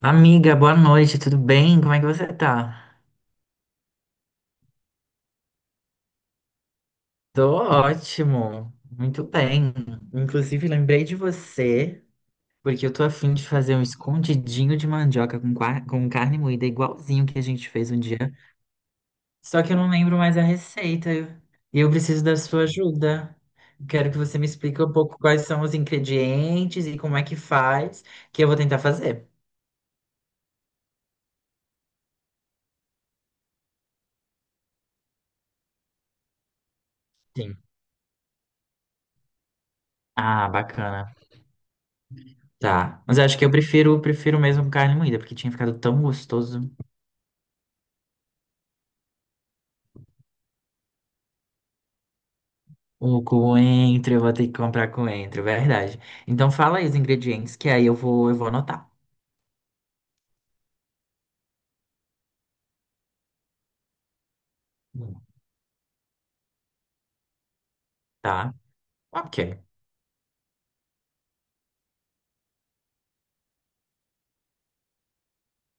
Amiga, boa noite, tudo bem? Como é que você tá? Tô ótimo, muito bem. Inclusive, lembrei de você, porque eu tô afim de fazer um escondidinho de mandioca com carne moída, igualzinho que a gente fez um dia. Só que eu não lembro mais a receita e eu preciso da sua ajuda. Quero que você me explique um pouco quais são os ingredientes e como é que faz, que eu vou tentar fazer. Sim. Ah, bacana. Tá. Mas acho que eu prefiro mesmo carne moída, porque tinha ficado tão gostoso. O coentro, eu vou ter que comprar coentro, verdade. Então fala aí os ingredientes que aí eu vou anotar. Tá? Ok.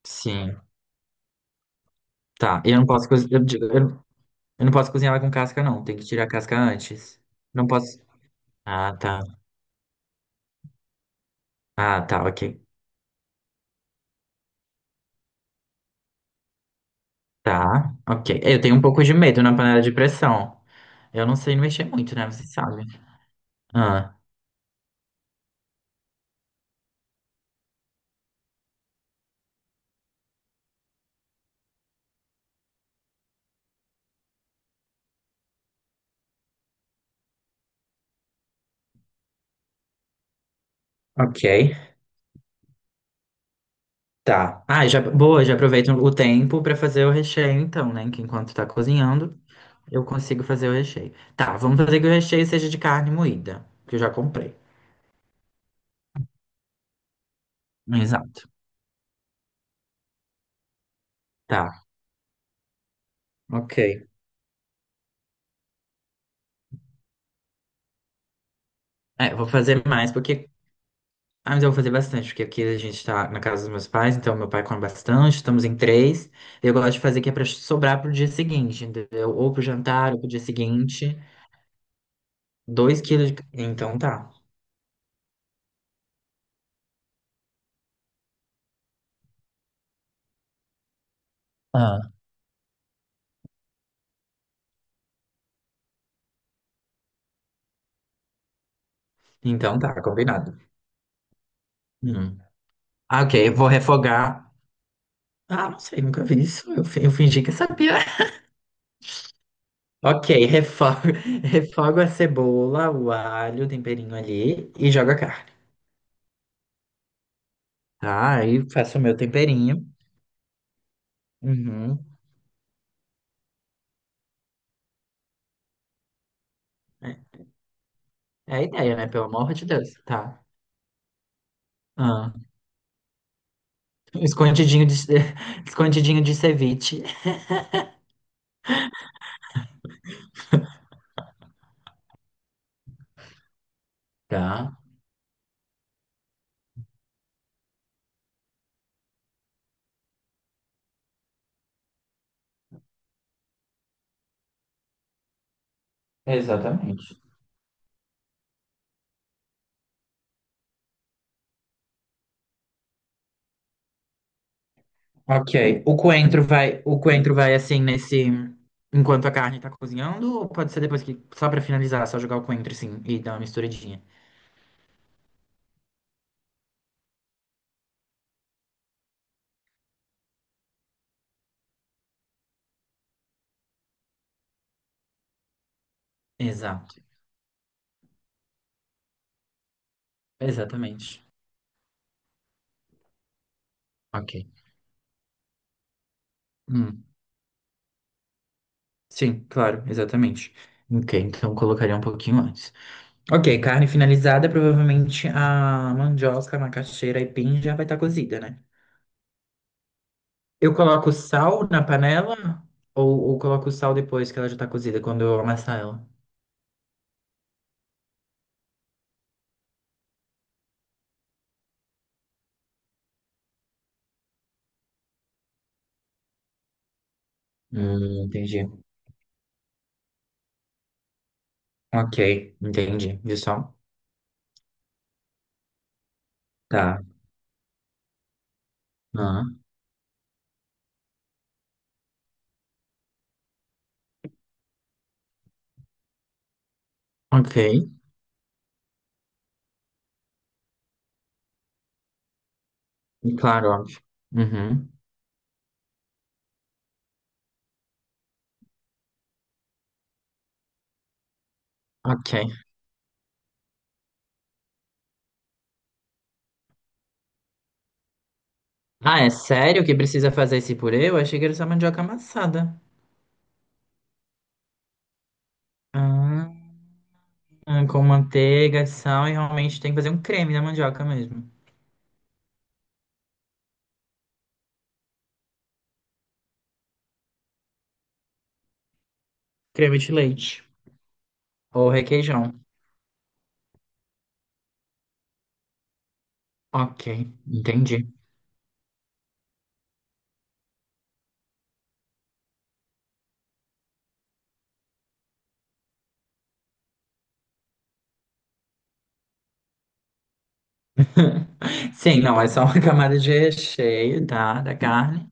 Sim. Tá. E eu não posso cozinhar, eu não posso cozinhar ela com casca, não. Tem que tirar a casca antes. Não posso. Ah, tá. Ah, tá, ok. Tá, ok. Eu tenho um pouco de medo na panela de pressão. Eu não sei mexer muito, né? Você sabe. Ah, ok. Tá. Ah, já, boa, já aproveito o tempo pra fazer o recheio, então, né? Que enquanto tá cozinhando. Eu consigo fazer o recheio. Tá, vamos fazer que o recheio seja de carne moída, que eu já comprei. Exato. Tá, ok. É, vou fazer mais, porque. Ah, mas eu vou fazer bastante, porque aqui a gente tá na casa dos meus pais, então meu pai come bastante, estamos em três. Eu gosto de fazer que é pra sobrar pro dia seguinte, entendeu? Ou pro jantar, ou pro dia seguinte. 2 quilos de. Então tá. Ah, então tá, combinado. Hum. Ah, ok, vou refogar. Ah, não sei, nunca vi isso. Eu fingi que sabia. Ok, refogo, refogo a cebola, o alho, o temperinho ali e joga a carne. Tá, aí faço o meu temperinho. Uhum. É é a ideia, né? Pelo amor de Deus. Tá. Ah, escondidinho de, escondidinho de ceviche. Tá. Exatamente. Ok, o coentro vai assim nesse, enquanto a carne tá cozinhando, ou pode ser depois que, só pra finalizar, só jogar o coentro assim e dar uma misturadinha. Exato. Exatamente. Ok. Hum. Sim, claro, exatamente. Ok, então colocaria um pouquinho antes. Ok, carne finalizada, provavelmente a mandioca, a macaxeira e pin já vai estar cozida, né? Eu coloco sal na panela ou coloco sal depois que ela já tá cozida, quando eu amassar ela? Entendi. Ok, entendi. Viu só? Tá. Ah, ok, claro, óbvio. Uhum. Ok. Ah, é sério que precisa fazer esse purê? Eu achei que era só mandioca amassada. Ah. Ah, com manteiga, sal e realmente tem que fazer um creme da mandioca mesmo. Creme de leite ou requeijão. Ok, entendi. Sim, não, é só uma camada de recheio, tá? Da carne.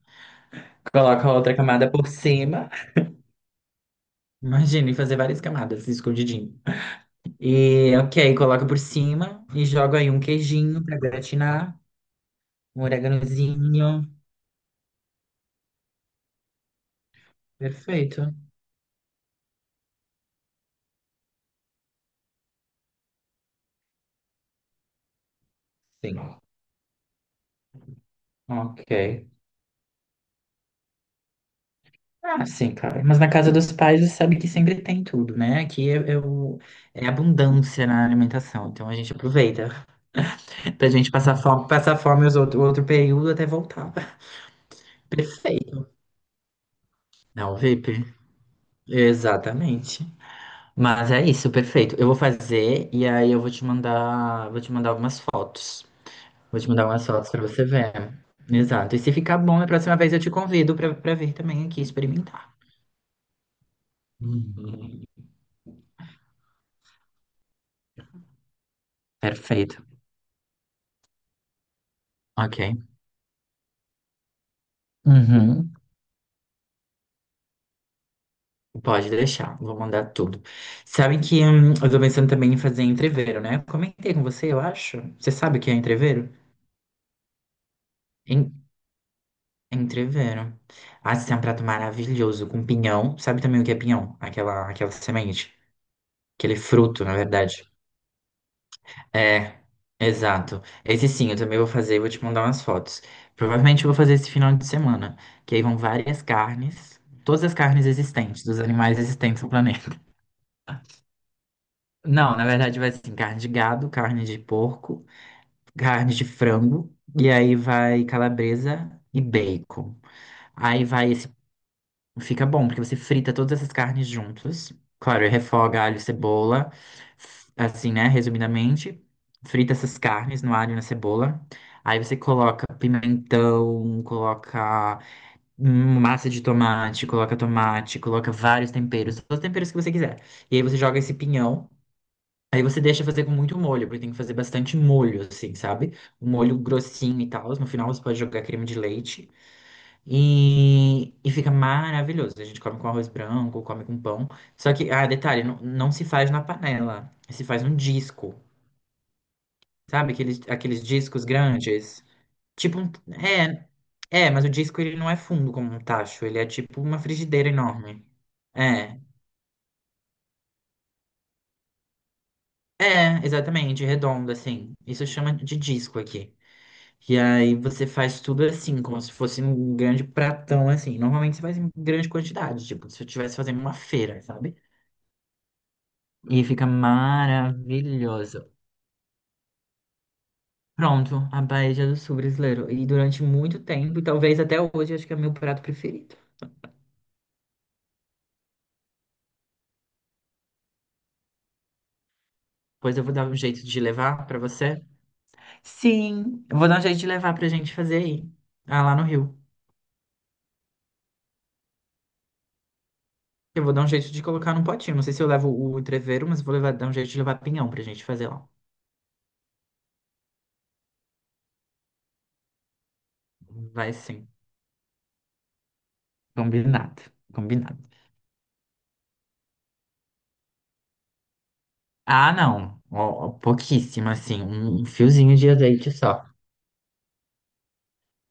Coloca outra camada por cima. Imagina, e fazer várias camadas escondidinho. E, ok, coloca por cima e joga aí um queijinho pra gratinar. Um oreganozinho. Perfeito. Sim. Ok. Ah, sim, cara. Mas na casa dos pais você sabe que sempre tem tudo, né? Aqui é abundância na alimentação. Então a gente aproveita pra gente passar fome o outro período até voltar. Perfeito. Não, VIP. Exatamente. Mas é isso, perfeito. Eu vou fazer e aí eu vou te mandar algumas fotos. Vou te mandar umas fotos pra você ver. Exato. E se ficar bom, na próxima vez eu te convido pra vir também aqui experimentar. Uhum. Perfeito. Ok. Uhum. Pode deixar, vou mandar tudo. Sabe que eu tô pensando também em fazer entreveiro, né? Eu comentei com você, eu acho. Você sabe o que é entreveiro? En- Entreveiro. Ah, esse é um prato maravilhoso com pinhão. Sabe também o que é pinhão? Aquela semente, aquele fruto, na verdade. É, exato. Esse sim, eu também vou fazer, vou te mandar umas fotos. Provavelmente eu vou fazer esse final de semana, que aí vão várias carnes, todas as carnes existentes, dos animais existentes no planeta. Não, na verdade vai ser assim, carne de gado, carne de porco, carne de frango, e aí vai calabresa e bacon. Aí vai esse. Fica bom, porque você frita todas essas carnes juntas. Claro, refoga alho, cebola, assim, né? Resumidamente, frita essas carnes no alho e na cebola. Aí você coloca pimentão, coloca massa de tomate, coloca vários temperos, todos os temperos que você quiser. E aí você joga esse pinhão. Aí você deixa fazer com muito molho, porque tem que fazer bastante molho, assim, sabe? Um molho grossinho e tal. No final você pode jogar creme de leite e fica maravilhoso. A gente come com arroz branco, come com pão. Só que, ah, detalhe, não, não se faz na panela. Se faz um disco, sabe? Aqueles discos grandes. Tipo um. É, mas o disco ele não é fundo como um tacho, ele é tipo uma frigideira enorme. É, é, exatamente, redondo, assim. Isso chama de disco aqui. E aí você faz tudo assim, como se fosse um grande pratão assim. Normalmente você faz em grande quantidade, tipo, se eu estivesse fazendo uma feira, sabe? E fica maravilhoso. Pronto, a paella do sul brasileiro. E durante muito tempo, e talvez até hoje, acho que é meu prato preferido. Pois eu vou dar um jeito de levar pra você. Sim, eu vou dar um jeito de levar pra gente fazer aí. Ah, lá no Rio. Eu vou dar um jeito de colocar num potinho. Não sei se eu levo o treveiro, mas eu vou levar, dar um jeito de levar pinhão pra gente fazer lá. Vai sim. Combinado. Combinado. Ah, não. Ó, pouquíssimo, assim. Um fiozinho de azeite só.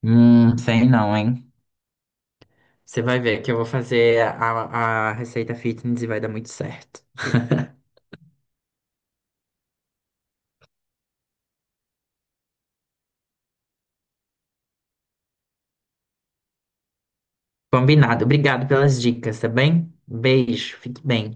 Sei não, hein? Você vai ver que eu vou fazer a receita fitness e vai dar muito certo. Combinado. Obrigado pelas dicas, tá bem? Beijo. Fique bem.